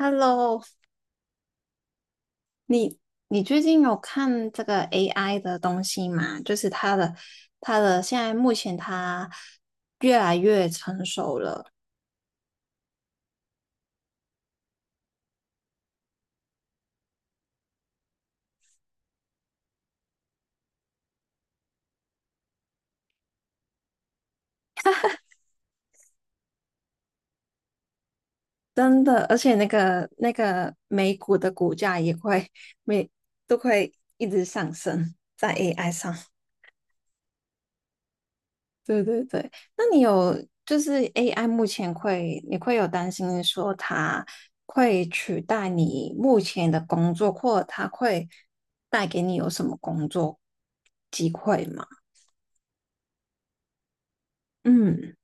Hello，你最近有看这个 AI 的东西吗？就是它的现在目前它越来越成熟了。真的，而且那个美股的股价也会每都会一直上升在 AI 上。对对对，那你有就是 AI 目前会，你会有担心说它会取代你目前的工作，或者它会带给你有什么工作机会吗？嗯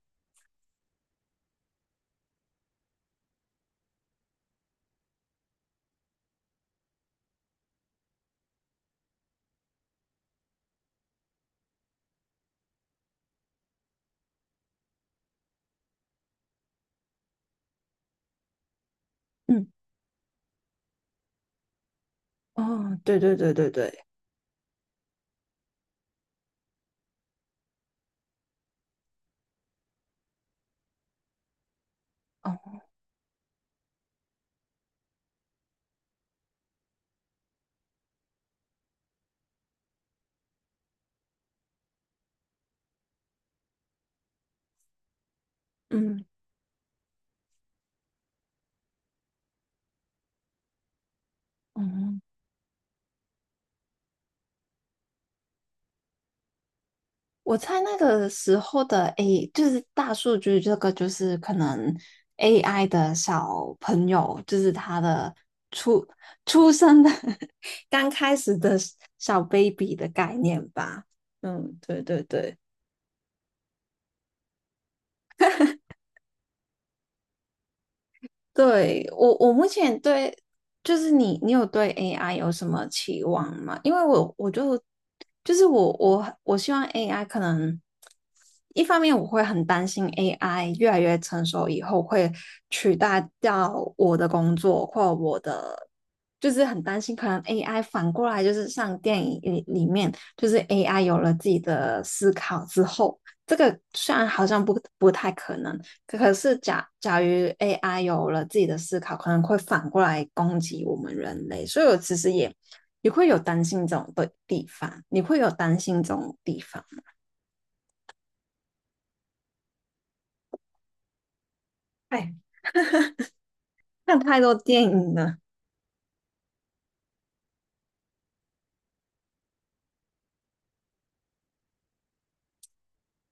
嗯，哦，对对对对对，哦，嗯哦，我猜那个时候的 A 就是大数据这个，就是可能 AI 的小朋友，就是他的出出生的 刚开始的小 baby 的概念吧。嗯，对对对。对，我目前对，就是你有对 AI 有什么期望吗？因为我，我就，就是我希望 AI 可能，一方面我会很担心 AI 越来越成熟以后会取代掉我的工作或我的，就是很担心可能 AI 反过来就是像电影里面，就是 AI 有了自己的思考之后，这个虽然好像不太可能。可是假如 AI 有了自己的思考，可能会反过来攻击我们人类，所以我其实也会有担心这种的地方，你会有担心这种地方。哎，看太多电影了。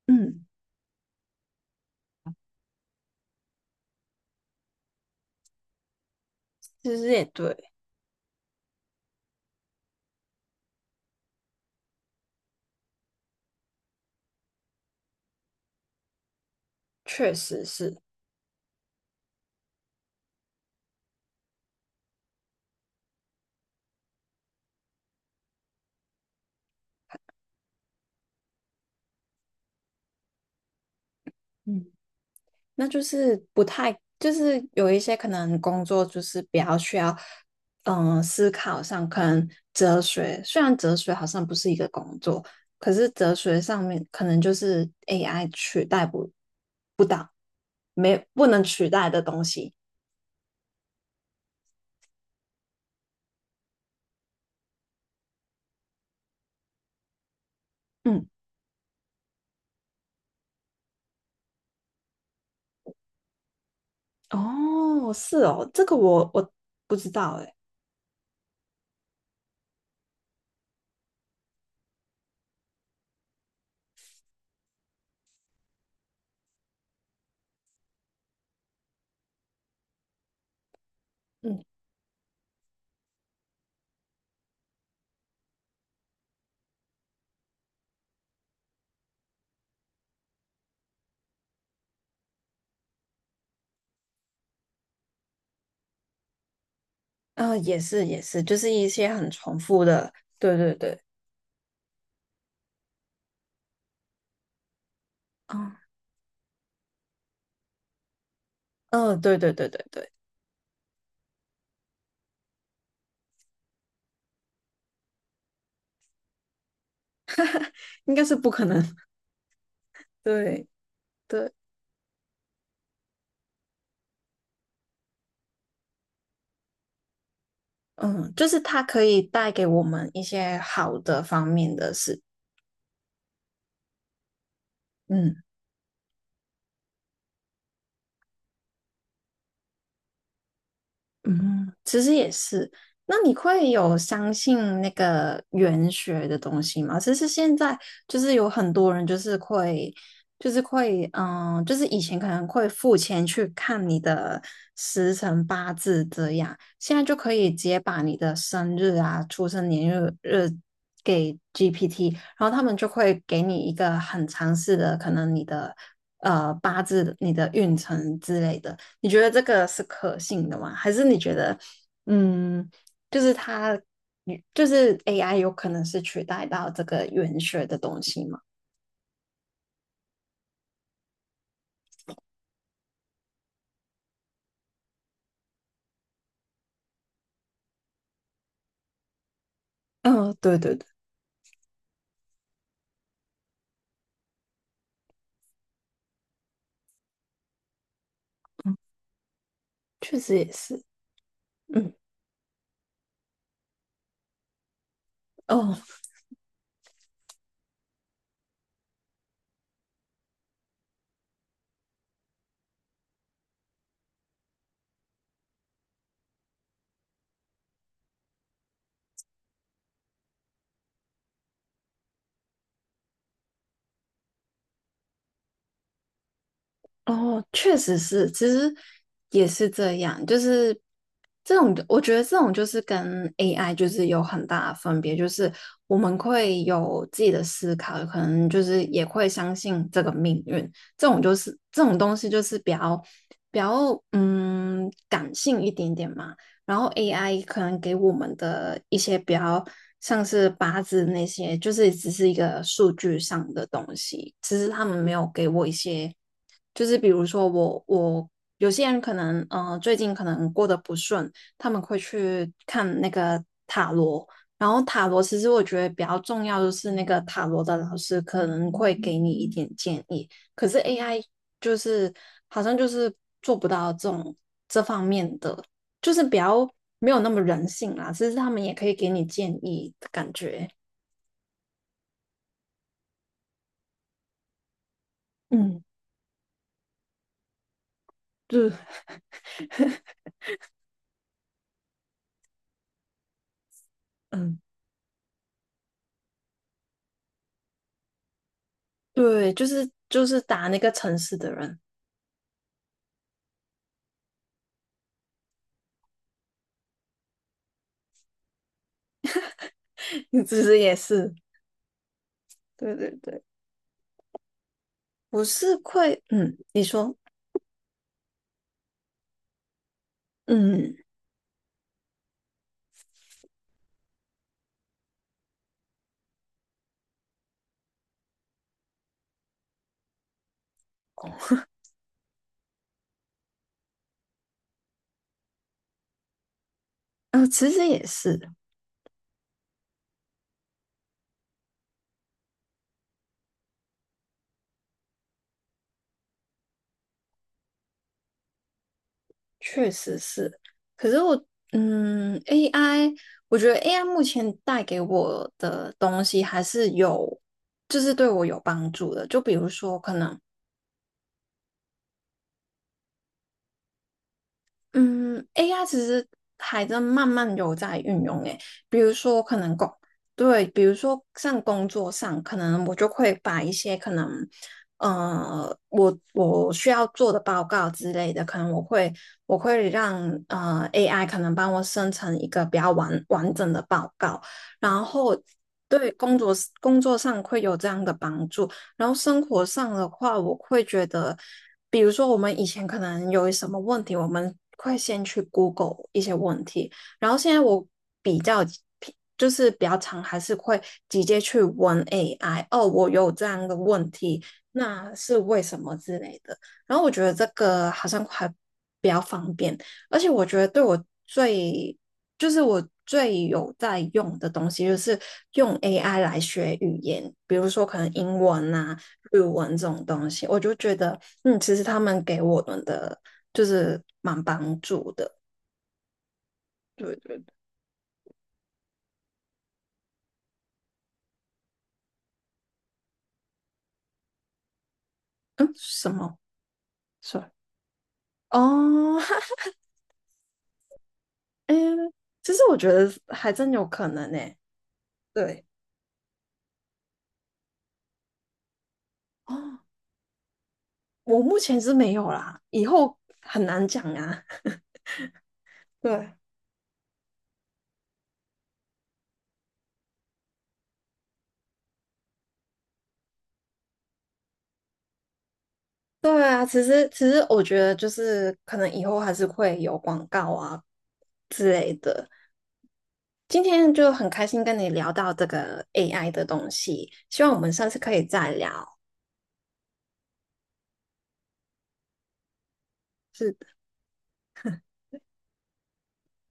嗯，其实也对，确实是。嗯，那就是不太，就是有一些可能工作就是比较需要，嗯，思考上可能哲学，虽然哲学好像不是一个工作，可是哲学上面可能就是 AI 取代不，没，不能取代的东西。嗯，哦，是哦，这个我不知道诶。嗯，啊，也是也是，就是一些很重复的，对对对，嗯嗯，对对对对对，应该是不可能，对。对。嗯，就是它可以带给我们一些好的方面的事。嗯。嗯，其实也是。那你会有相信那个玄学的东西吗？其实现在就是有很多人就是会，就是会，嗯，就是以前可能会付钱去看你的时辰八字这样，现在就可以直接把你的生日啊、出生年月日给 GPT，然后他们就会给你一个很详细的，可能你的八字、你的运程之类的。你觉得这个是可信的吗？还是你觉得，嗯，就是它，就是 AI 有可能是取代到这个言学的东西吗？嗯，对对对，确实也是。嗯，哦，哦，确实是，其实也是这样，就是这种，我觉得这种就是跟 AI 就是有很大的分别，就是我们会有自己的思考，可能就是也会相信这个命运，这种就是这种东西就是比较感性一点点嘛。然后 AI 可能给我们的一些比较像是八字那些，就是只是一个数据上的东西，只是他们没有给我一些，就是比如说我有些人可能最近可能过得不顺，他们会去看那个塔罗。然后塔罗其实我觉得比较重要的是，那个塔罗的老师可能会给你一点建议，可是 AI 就是好像就是做不到这种这方面的就是比较没有那么人性啦，其实他们也可以给你建议的感觉。嗯，就嗯，对，就是打那个城市的人，你其实也是，对对对，我是会，嗯，你说，嗯，哦，其实也是，确实是，可是我，嗯，AI，我觉得 AI 目前带给我的东西还是有，就是对我有帮助的，就比如说可能嗯，AI 其实还在慢慢有在运用诶，比如说可能工，对，比如说像工作上，可能我就会把一些可能，我需要做的报告之类的，可能我会让AI 可能帮我生成一个比较完整的报告，然后对工作上会有这样的帮助。然后生活上的话，我会觉得，比如说我们以前可能有什么问题，我们会先去 Google 一些问题，然后现在我比较就是比较常还是会直接去问 AI，哦，我有这样的问题，那是为什么之类的。然后我觉得这个好像还比较方便。而且我觉得对我最，就是我最有在用的东西，就是用 AI 来学语言，比如说可能英文啊、日文这种东西，我就觉得，嗯，其实他们给我们的就是蛮帮助的。对对对，嗯，什么？是哦，嗯，其实我觉得还真有可能呢。对，哦，我目前是没有啦，以后很难讲啊。对。对啊，其实我觉得就是可能以后还是会有广告啊之类的。今天就很开心跟你聊到这个 AI 的东西，希望我们下次可以再聊。是